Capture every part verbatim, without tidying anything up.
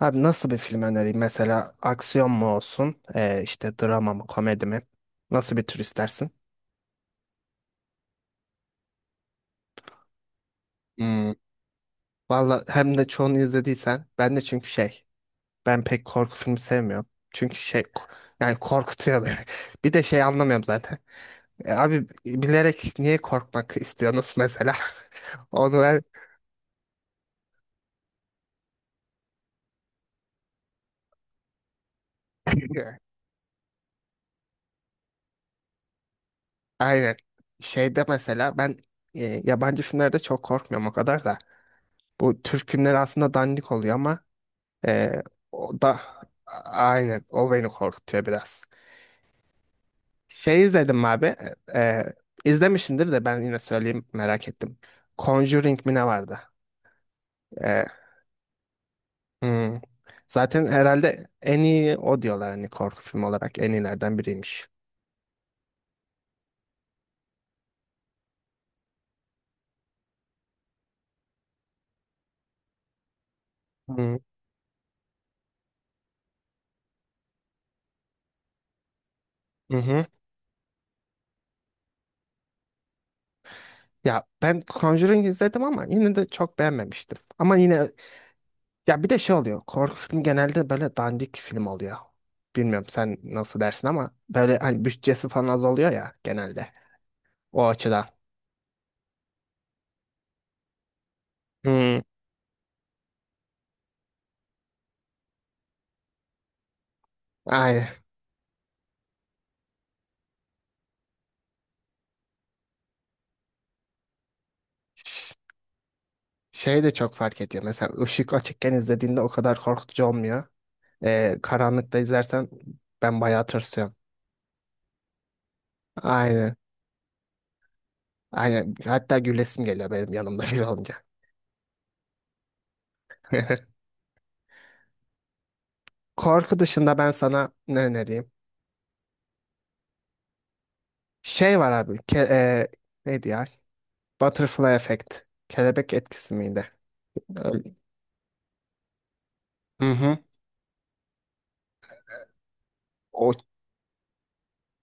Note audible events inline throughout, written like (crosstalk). Abi nasıl bir film önereyim? Mesela aksiyon mu olsun? Ee, işte drama mı, komedi mi? Nasıl bir tür istersin? Hmm. Valla hem de çoğunu izlediysen ben de çünkü şey ben pek korku filmi sevmiyorum. Çünkü şey ko- yani korkutuyor beni. (laughs) Bir de şey anlamıyorum zaten. E, abi bilerek niye korkmak istiyorsunuz mesela? (laughs) Onu ben (laughs) aynen. Şeyde mesela ben e, Yabancı filmlerde çok korkmuyorum o kadar da. Bu Türk filmleri aslında dandik oluyor ama Ee, o da aynen o beni korkutuyor biraz. Şey izledim abi. E, izlemişsindir de ben yine söyleyeyim merak ettim. Conjuring mi ne vardı? Ee, hmm. Zaten herhalde en iyi o diyorlar hani korku filmi olarak en iyilerden biriymiş. Hı hı. hı. Ya ben Conjuring izledim ama yine de çok beğenmemiştim. Ama yine ya bir de şey oluyor. Korku filmi genelde böyle dandik film oluyor. Bilmiyorum sen nasıl dersin ama böyle hani bütçesi falan az oluyor ya genelde. O açıdan. Hmm, aynen. Ş- Şey de çok fark ediyor. Mesela ışık açıkken izlediğinde o kadar korkutucu olmuyor. Ee, karanlıkta izlersen ben bayağı tırsıyorum. Aynen. Aynen. Hatta gülesim geliyor benim yanımda biri olunca. (laughs) Korku dışında ben sana ne önereyim? Şey var abi. Ke e, neydi ya? Butterfly Effect. Kelebek etkisi miydi? Öyle- Hı hı. O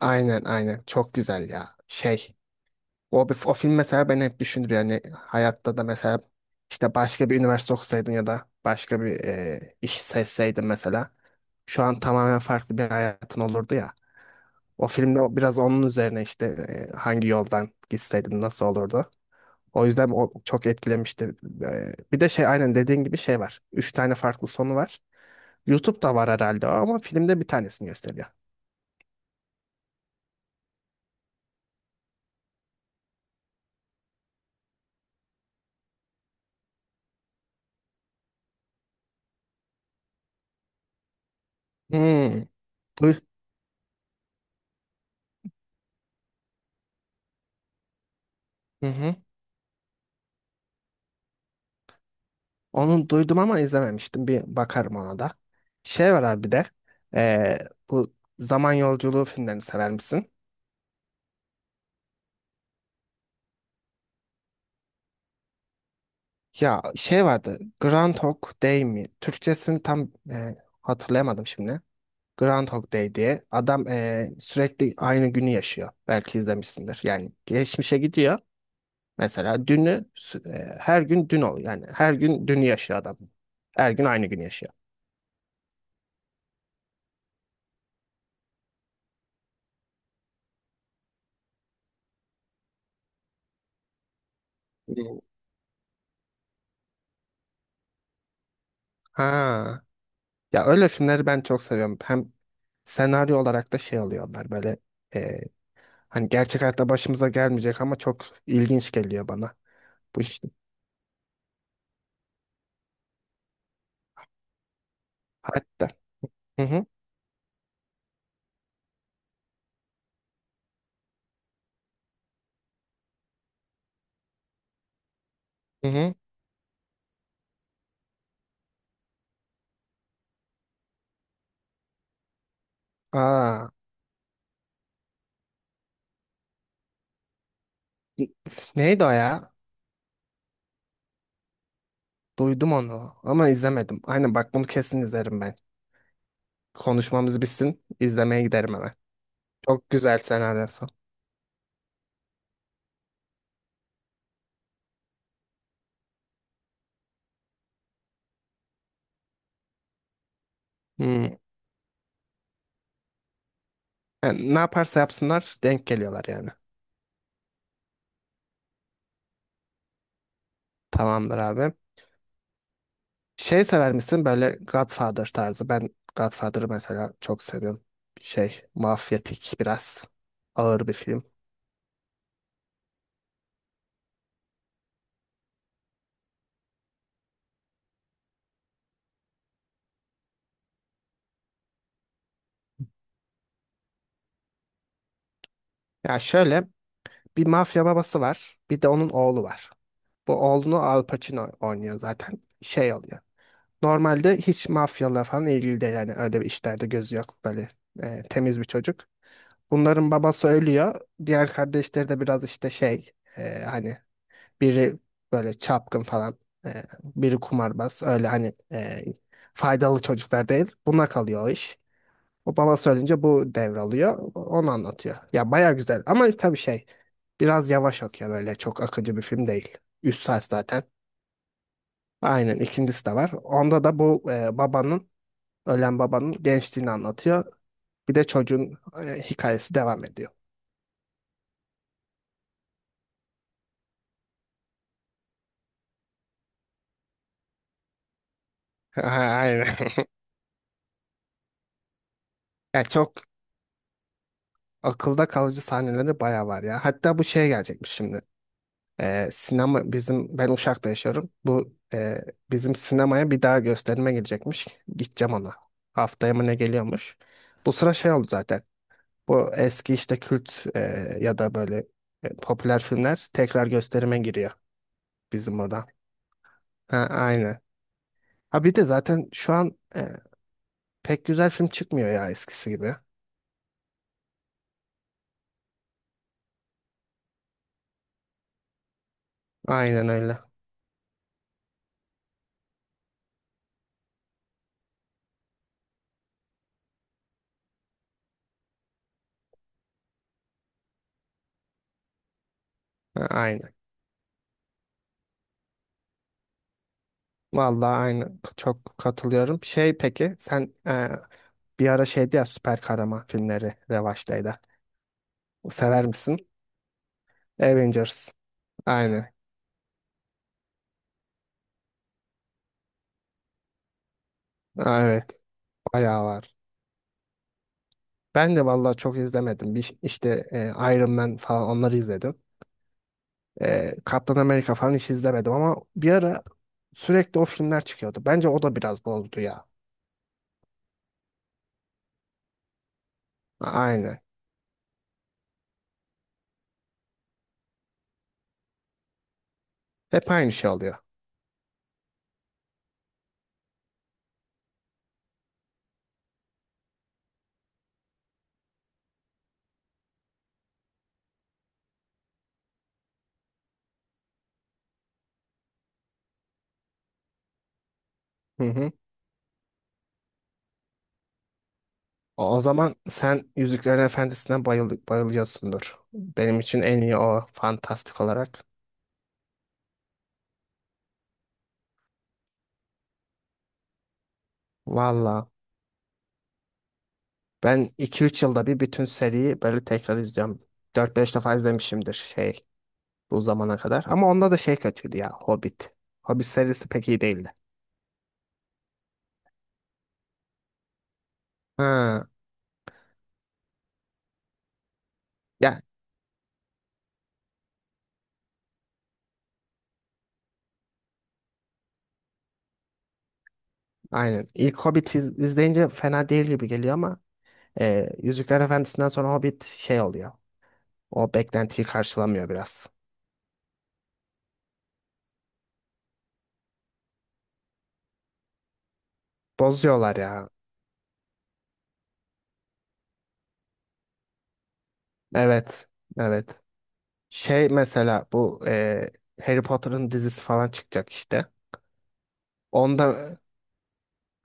aynen aynen. Çok güzel ya. Şey. O, o film mesela beni hep düşündür yani hayatta da mesela işte başka bir üniversite okusaydın ya da başka bir e, iş seçseydin mesela şu an tamamen farklı bir hayatın olurdu ya. O filmde o- biraz onun üzerine işte e, hangi yoldan gitseydin nasıl olurdu. O yüzden o çok etkilemişti. E, bir de şey aynen dediğin gibi şey var. Üç tane farklı sonu var. YouTube'da var herhalde o ama filmde bir tanesini gösteriyor. Hmm. Duy hı hı. Onu duydum ama izlememiştim. Bir bakarım ona da. Şey var abi bir de. Eee, bu zaman yolculuğu filmlerini sever misin? Ya şey vardı. Groundhog Day mi? Türkçesini tam eee, hatırlayamadım şimdi. Groundhog Day diye. Adam eee, sürekli aynı günü yaşıyor. Belki izlemişsindir. Yani geçmişe gidiyor. Mesela dünü sü- eee, her gün dün oluyor. Yani her gün dünü yaşıyor adam. Her gün aynı günü yaşıyor. Hmm. Ha. Ya öyle filmleri ben çok seviyorum. Hem senaryo olarak da şey alıyorlar böyle eee, hani gerçek hayatta başımıza gelmeyecek ama çok ilginç geliyor bana bu işte. Hatta. Hı hı. Hı hı. Aa. Neydi o ya? Duydum onu ama izlemedim. Aynen bak bunu kesin izlerim ben. Konuşmamız bitsin, izlemeye giderim hemen. Çok güzel senaryosu. Hmm. Yani ne yaparsa yapsınlar denk geliyorlar yani. Tamamdır abi. Şey sever misin böyle Godfather tarzı? Ben Godfather'ı mesela çok seviyorum. Şey, mafyatik biraz ağır bir film. Ya şöyle bir mafya babası var, bir de onun oğlu var. Bu oğlunu Al Pacino oynuyor zaten. Şey oluyor. Normalde hiç mafyalar falan ilgili değil yani öyle bir işlerde gözü yok böyle e, temiz bir çocuk. Bunların babası ölüyor. Diğer kardeşleri de biraz işte şey e, hani biri böyle çapkın falan e, biri kumarbaz öyle hani e, faydalı çocuklar değil. Buna kalıyor o iş. O babası ölünce bu devralıyor. Onu anlatıyor. Ya baya güzel ama tabii şey biraz yavaş okuyor böyle çok akıcı bir film değil. üç saat zaten. Aynen ikincisi de var. Onda da bu e, babanın ölen babanın gençliğini anlatıyor. Bir de çocuğun e, hikayesi devam ediyor. (laughs) Aynen. Ya çok akılda kalıcı sahneleri bayağı var ya. Hatta bu şeye gelecekmiş şimdi. Ee, sinema bizim Ben Uşak'ta yaşıyorum. Bu e, bizim sinemaya bir daha gösterime gelecekmiş. Gideceğim ona. Haftaya mı ne geliyormuş. Bu sıra şey oldu zaten. Bu eski işte kült e, ya da böyle e, Popüler filmler tekrar gösterime giriyor bizim burada. Ha, aynı. Ha bir de zaten şu an e, Pek güzel film çıkmıyor ya eskisi gibi. Aynen öyle. Ha, aynen. Vallahi aynen. Çok katılıyorum. Şey peki sen e, bir ara şeydi ya süper kahraman filmleri revaçtaydı. Sever misin? Avengers. Aynen. Ha, evet. Bayağı var. Ben de vallahi çok izlemedim. Bir, işte e, Iron Man falan onları izledim. E, Kaptan Amerika falan hiç izlemedim ama bir ara sürekli o filmler çıkıyordu. Bence o da biraz bozdu ya. Aynen. Hep aynı şey oluyor. Hı hı. O o zaman sen Yüzüklerin Efendisi'ne bayıl bayılıyorsundur. Benim için en iyi o fantastik olarak. Valla ben iki üç yılda bir bütün seriyi böyle tekrar izliyorum. Dört beş defa izlemişimdir şey bu zamana kadar. Ama onda da şey kötüydü ya Hobbit. Hobbit serisi pek iyi değildi. Ha, ya aynen. İlk Hobbit iz- izleyince fena değil gibi geliyor ama e, Yüzükler Efendisi'nden sonra Hobbit şey oluyor. O beklentiyi karşılamıyor biraz. Bozuyorlar ya. Evet. Evet. Şey mesela bu e, Harry Potter'ın dizisi falan çıkacak işte. Onda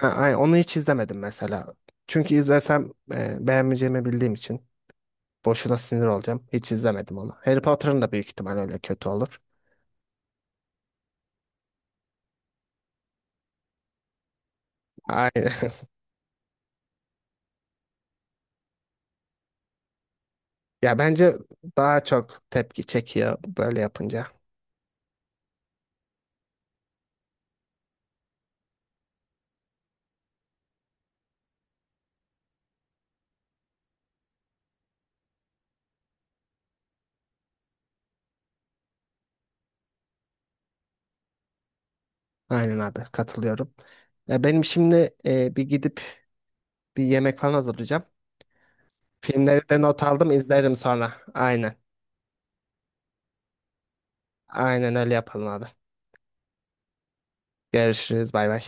ha, ay, Onu hiç izlemedim mesela. Çünkü izlesem e, beğenmeyeceğimi bildiğim için. Boşuna sinir olacağım. Hiç izlemedim onu. Harry Potter'ın da büyük ihtimal öyle kötü olur. Aynen. (laughs) Ya bence daha çok tepki çekiyor böyle yapınca. Aynen abi katılıyorum. Ya benim şimdi e, bir gidip bir yemek falan hazırlayacağım. Filmleri de not aldım izlerim sonra. Aynen. Aynen öyle yapalım abi. Görüşürüz bay bay.